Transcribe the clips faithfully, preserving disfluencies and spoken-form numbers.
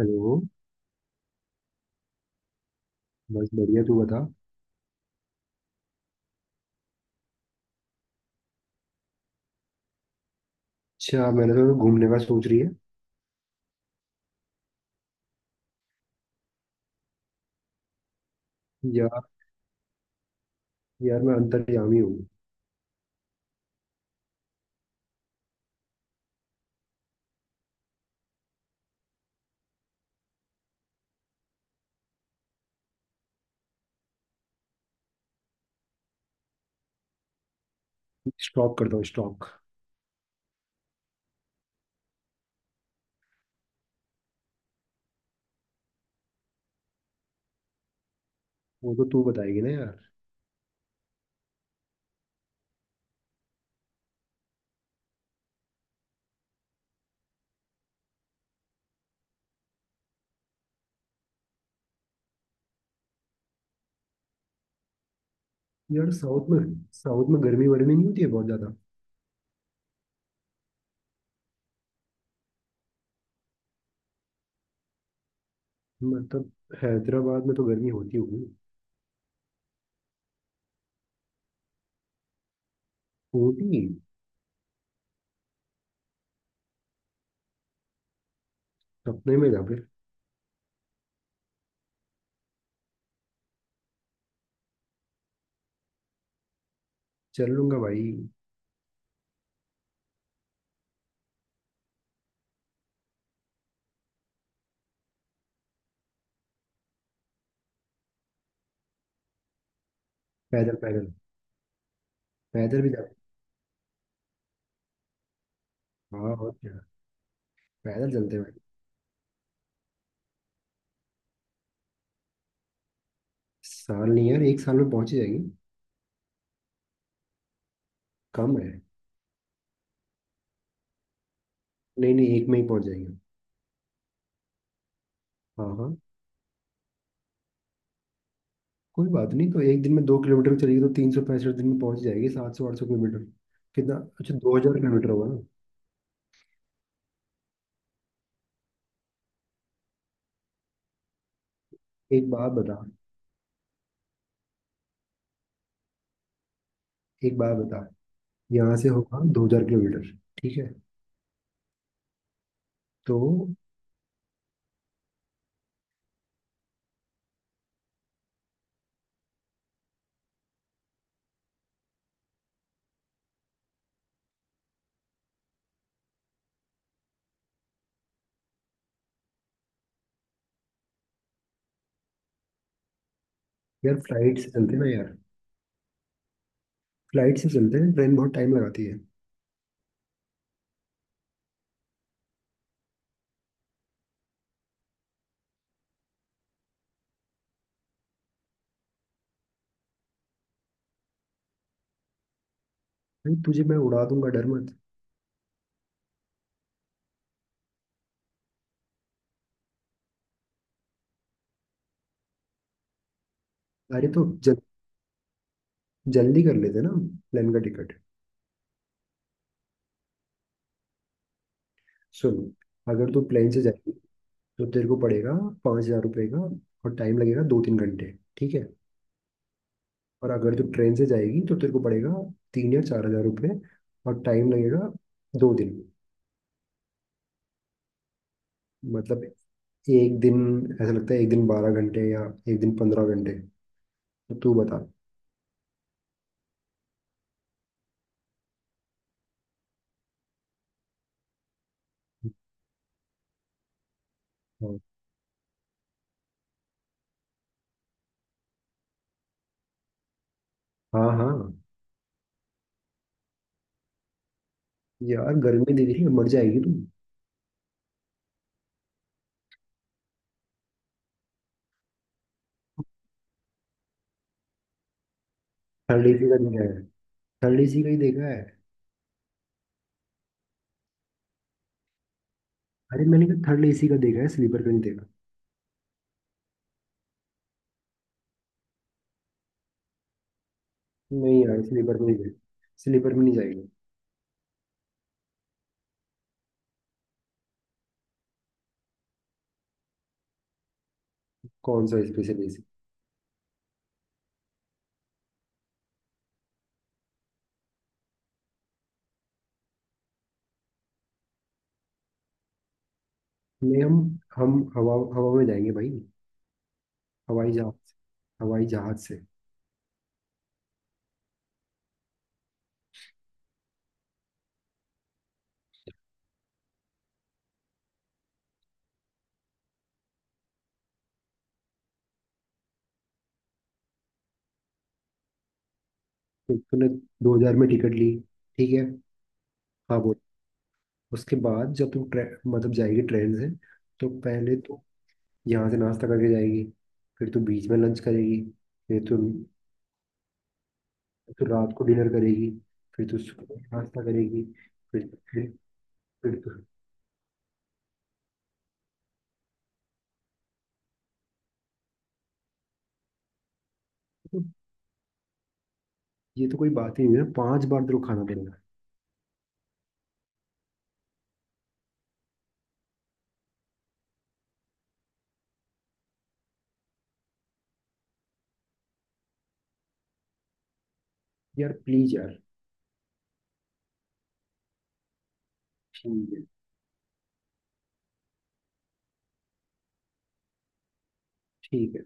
Hello. बस बढ़िया, तू बता। अच्छा, मैंने तो घूमने का सोच रही है। यार, यार मैं अंतर्यामी हूँ। स्टॉक करता हूँ, स्टॉक। वो तो तू बताएगी ना, यार। यार, साउथ में साउथ में गर्मी वर्मी नहीं होती है बहुत ज़्यादा? मतलब हैदराबाद में तो गर्मी होती होगी। होती। सपने में जा फिर। चल लूंगा, भाई। पैदल पैदल। पैदल भी जा। हाँ, और क्या। पैदल चलते हैं, भाई। साल नहीं यार, एक साल में पहुंच ही जाएगी। कम है। नहीं नहीं, एक में ही पहुंच जाएगी। हाँ हाँ। कोई बात नहीं, तो एक दिन में दो किलोमीटर चलेगी तो तीन सौ पैंसठ दिन में पहुंच जाएगी सात सौ आठ सौ किलोमीटर। कितना? अच्छा, दो हजार किलोमीटर होगा ना। एक बात बता। एक बात बता। यहाँ से होगा दो हजार किलोमीटर, ठीक है? तो यार, फ्लाइट से चलते हैं ना यार। फ्लाइट से चलते हैं, ट्रेन बहुत टाइम लगाती है। भाई, तुझे मैं उड़ा दूंगा, डर मत। अरे तो जल, जल्दी कर लेते ना। प्लेन का टिकट। सुन। अगर तू प्लेन से जाएगी तो तेरे को पड़ेगा पाँच हजार रुपये का, और टाइम लगेगा दो तीन घंटे, ठीक है? और अगर तू ट्रेन से जाएगी तो तेरे को पड़ेगा तीन या चार हजार रुपये और टाइम लगेगा दो दिन। मतलब एक दिन। ऐसा लगता है एक दिन बारह घंटे या एक दिन पंद्रह घंटे। तो तू बता। हाँ हाँ हाँ। यार गर्मी दिख रही है, मर जाएगी तू। थर्ड एसी का देखा है। थर्ड एसी का ही देखा है। अरे मैंने कहा थर्ड एसी का देखा है, स्लीपर का नहीं देखा। नहीं यार, स्लीपर में नहीं गए। स्लीपर में नहीं जाएंगे। कौन सा स्पेशल एसी? नहीं, हम हम हवा हवा में जाएंगे, भाई। हवाई जहाज। हवाई जहाज से। फिर तूने दो हजार में टिकट ली, ठीक है? हाँ बोल। उसके बाद जब तू ट्रे, मतलब जाएगी ट्रेन से, तो पहले तो यहाँ से नाश्ता करके जाएगी, फिर तू बीच में लंच करेगी, फिर तू तू रात को डिनर करेगी, फिर तू सुबह नाश्ता करेगी, फिर फिर फिर तू। तो ये तो कोई बात ही नहीं है, पांच बार तेरे को खाना पड़ेगा। यार प्लीज यार। ठीक है ठीक है।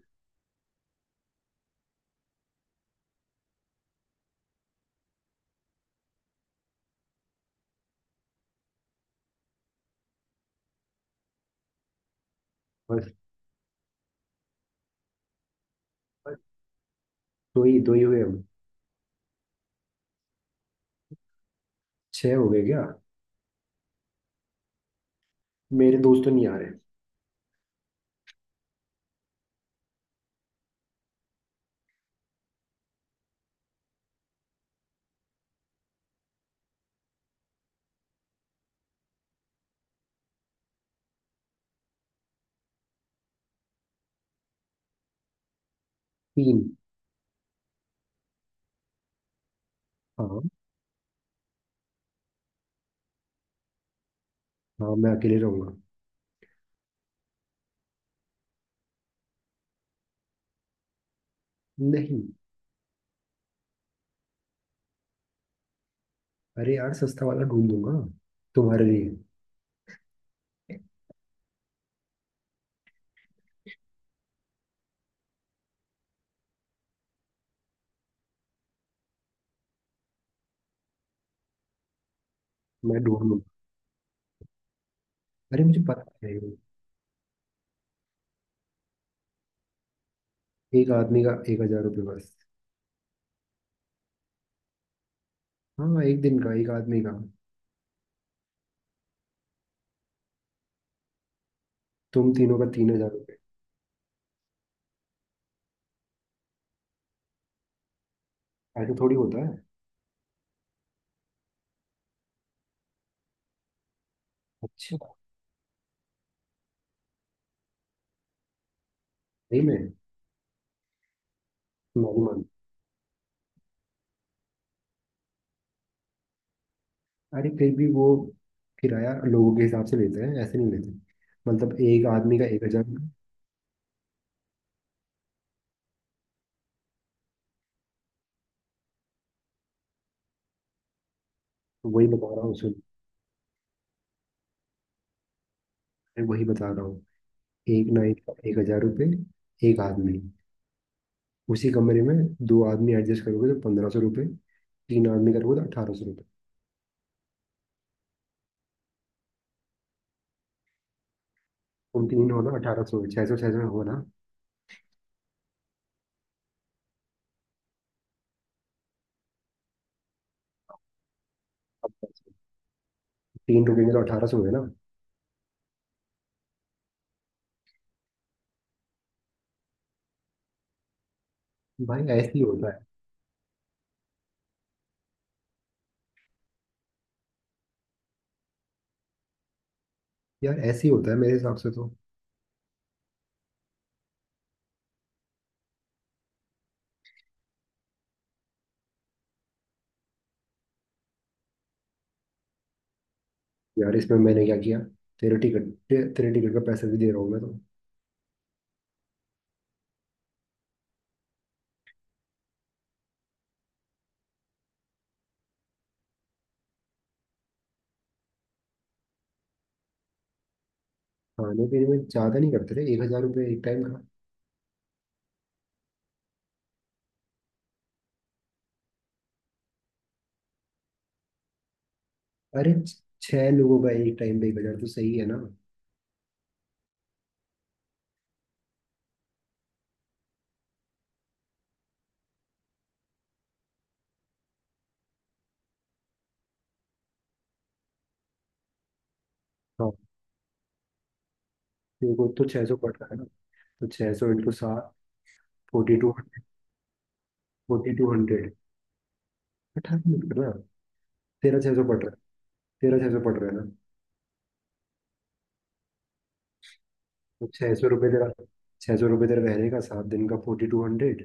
बस बस। दो ही दो ही हुए हम। छह हो गए क्या? मेरे दोस्त तो नहीं आ रहे। तीन। हाँ हाँ, मैं अकेले रहूंगा। नहीं। अरे यार, सस्ता वाला ढूंढ दूंगा तुम्हारे लिए। मैं ढूंढ लूंगा। अरे मुझे पता है। एक आदमी का एक हजार रुपये बस। हाँ, एक दिन का एक आदमी का। तुम तीनों का तीन हजार रुपये। ऐसा थोड़ी होता है। अच्छा। नहीं मैं मैं, नहीं मानता। अरे फिर भी वो किराया लोगों के हिसाब से लेते हैं, ऐसे नहीं लेते। मतलब एक आदमी का एक हजार। वही बता रहा हूँ, सुन। मैं वही बता रहा हूँ। एक नाइट का एक हजार रुपये एक आदमी। उसी कमरे में दो आदमी एडजस्ट करोगे तो पंद्रह सौ रुपये। तीन आदमी करोगे तो अठारह सौ। तुम तीन हो ना, अठारह सौ, छह सौ छह सौ हो ना। तीन रुकेंगे तो अठारह सौ हुए ना। भाई ऐसे ही होता है। यार ऐसे ही होता है मेरे हिसाब से तो। यार, इसमें मैंने क्या किया? तेरे टिकट ते, तेरे टिकट का पैसा भी दे रहा हूँ मैं तो। खाने पीने में ज्यादा नहीं करते रे, एक हजार रुपये एक टाइम का। अरे छ- छह लोगों का एक टाइम का एक हजार तो सही है ना। हाँ। देखो, तो छह सौ कट रहा है ना। तो छह सौ इंटू सात। Forty two hundred. Forty two hundred. अठारह मत करना। तेरह छह सौ पड़ रहा है। तेरह छह सौ पड़ रहा है ना। छः सौ रुपये तेरा। छः सौ रुपये तेरा रहने का सात दिन का फोर्टी टू हंड्रेड।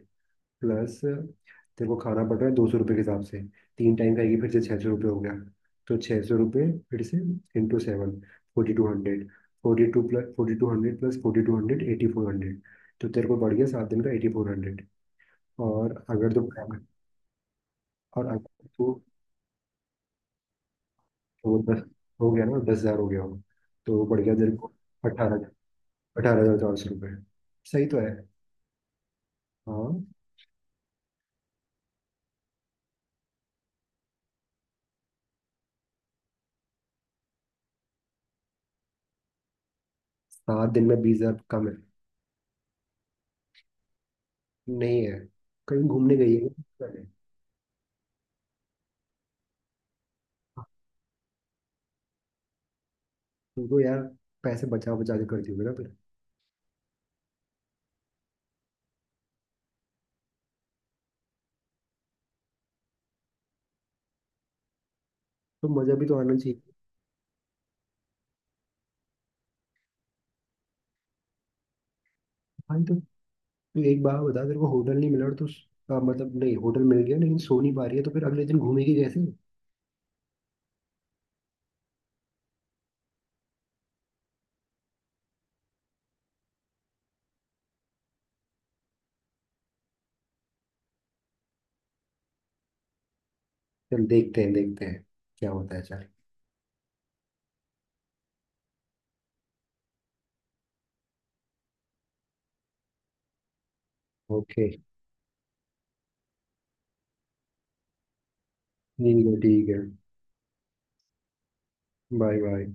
प्लस तेरे को खाना पड़ रहा है दो सौ रुपये के हिसाब से। तीन टाइम खाएगी, फिर से छः सौ रुपये हो गया। तो छः सौ रुपये फिर से into seven, forty two hundred. Forty two plus forty two hundred plus forty two hundred, eighty four hundred. तो तेरे को बढ़ गया सात दिन का एटी फोर हंड्रेड। और अगर तो, और अगर तो वो दस हो गया ना, दस हज़ार हो गया हो, तो वो बढ़ गया तेरे को अठारह अठारह हज़ार चार सौ रुपये। सही तो है। हाँ। सात दिन में बीस हज़ार कम है। नहीं है। कहीं घूमने गई है पहले? तुमको यार पैसे बचा बचा के करती होगी ना फिर। तो मजा भी तो आना चाहिए। भाई तो तू एक बार बता, तेरे को होटल नहीं मिला और तो, मतलब नहीं, होटल मिल गया लेकिन सो नहीं पा रही है तो फिर अगले दिन घूमेगी कैसे? चल देखते हैं देखते हैं क्या होता है, चल। ओके। ठीक है ठीक है। Bye bye.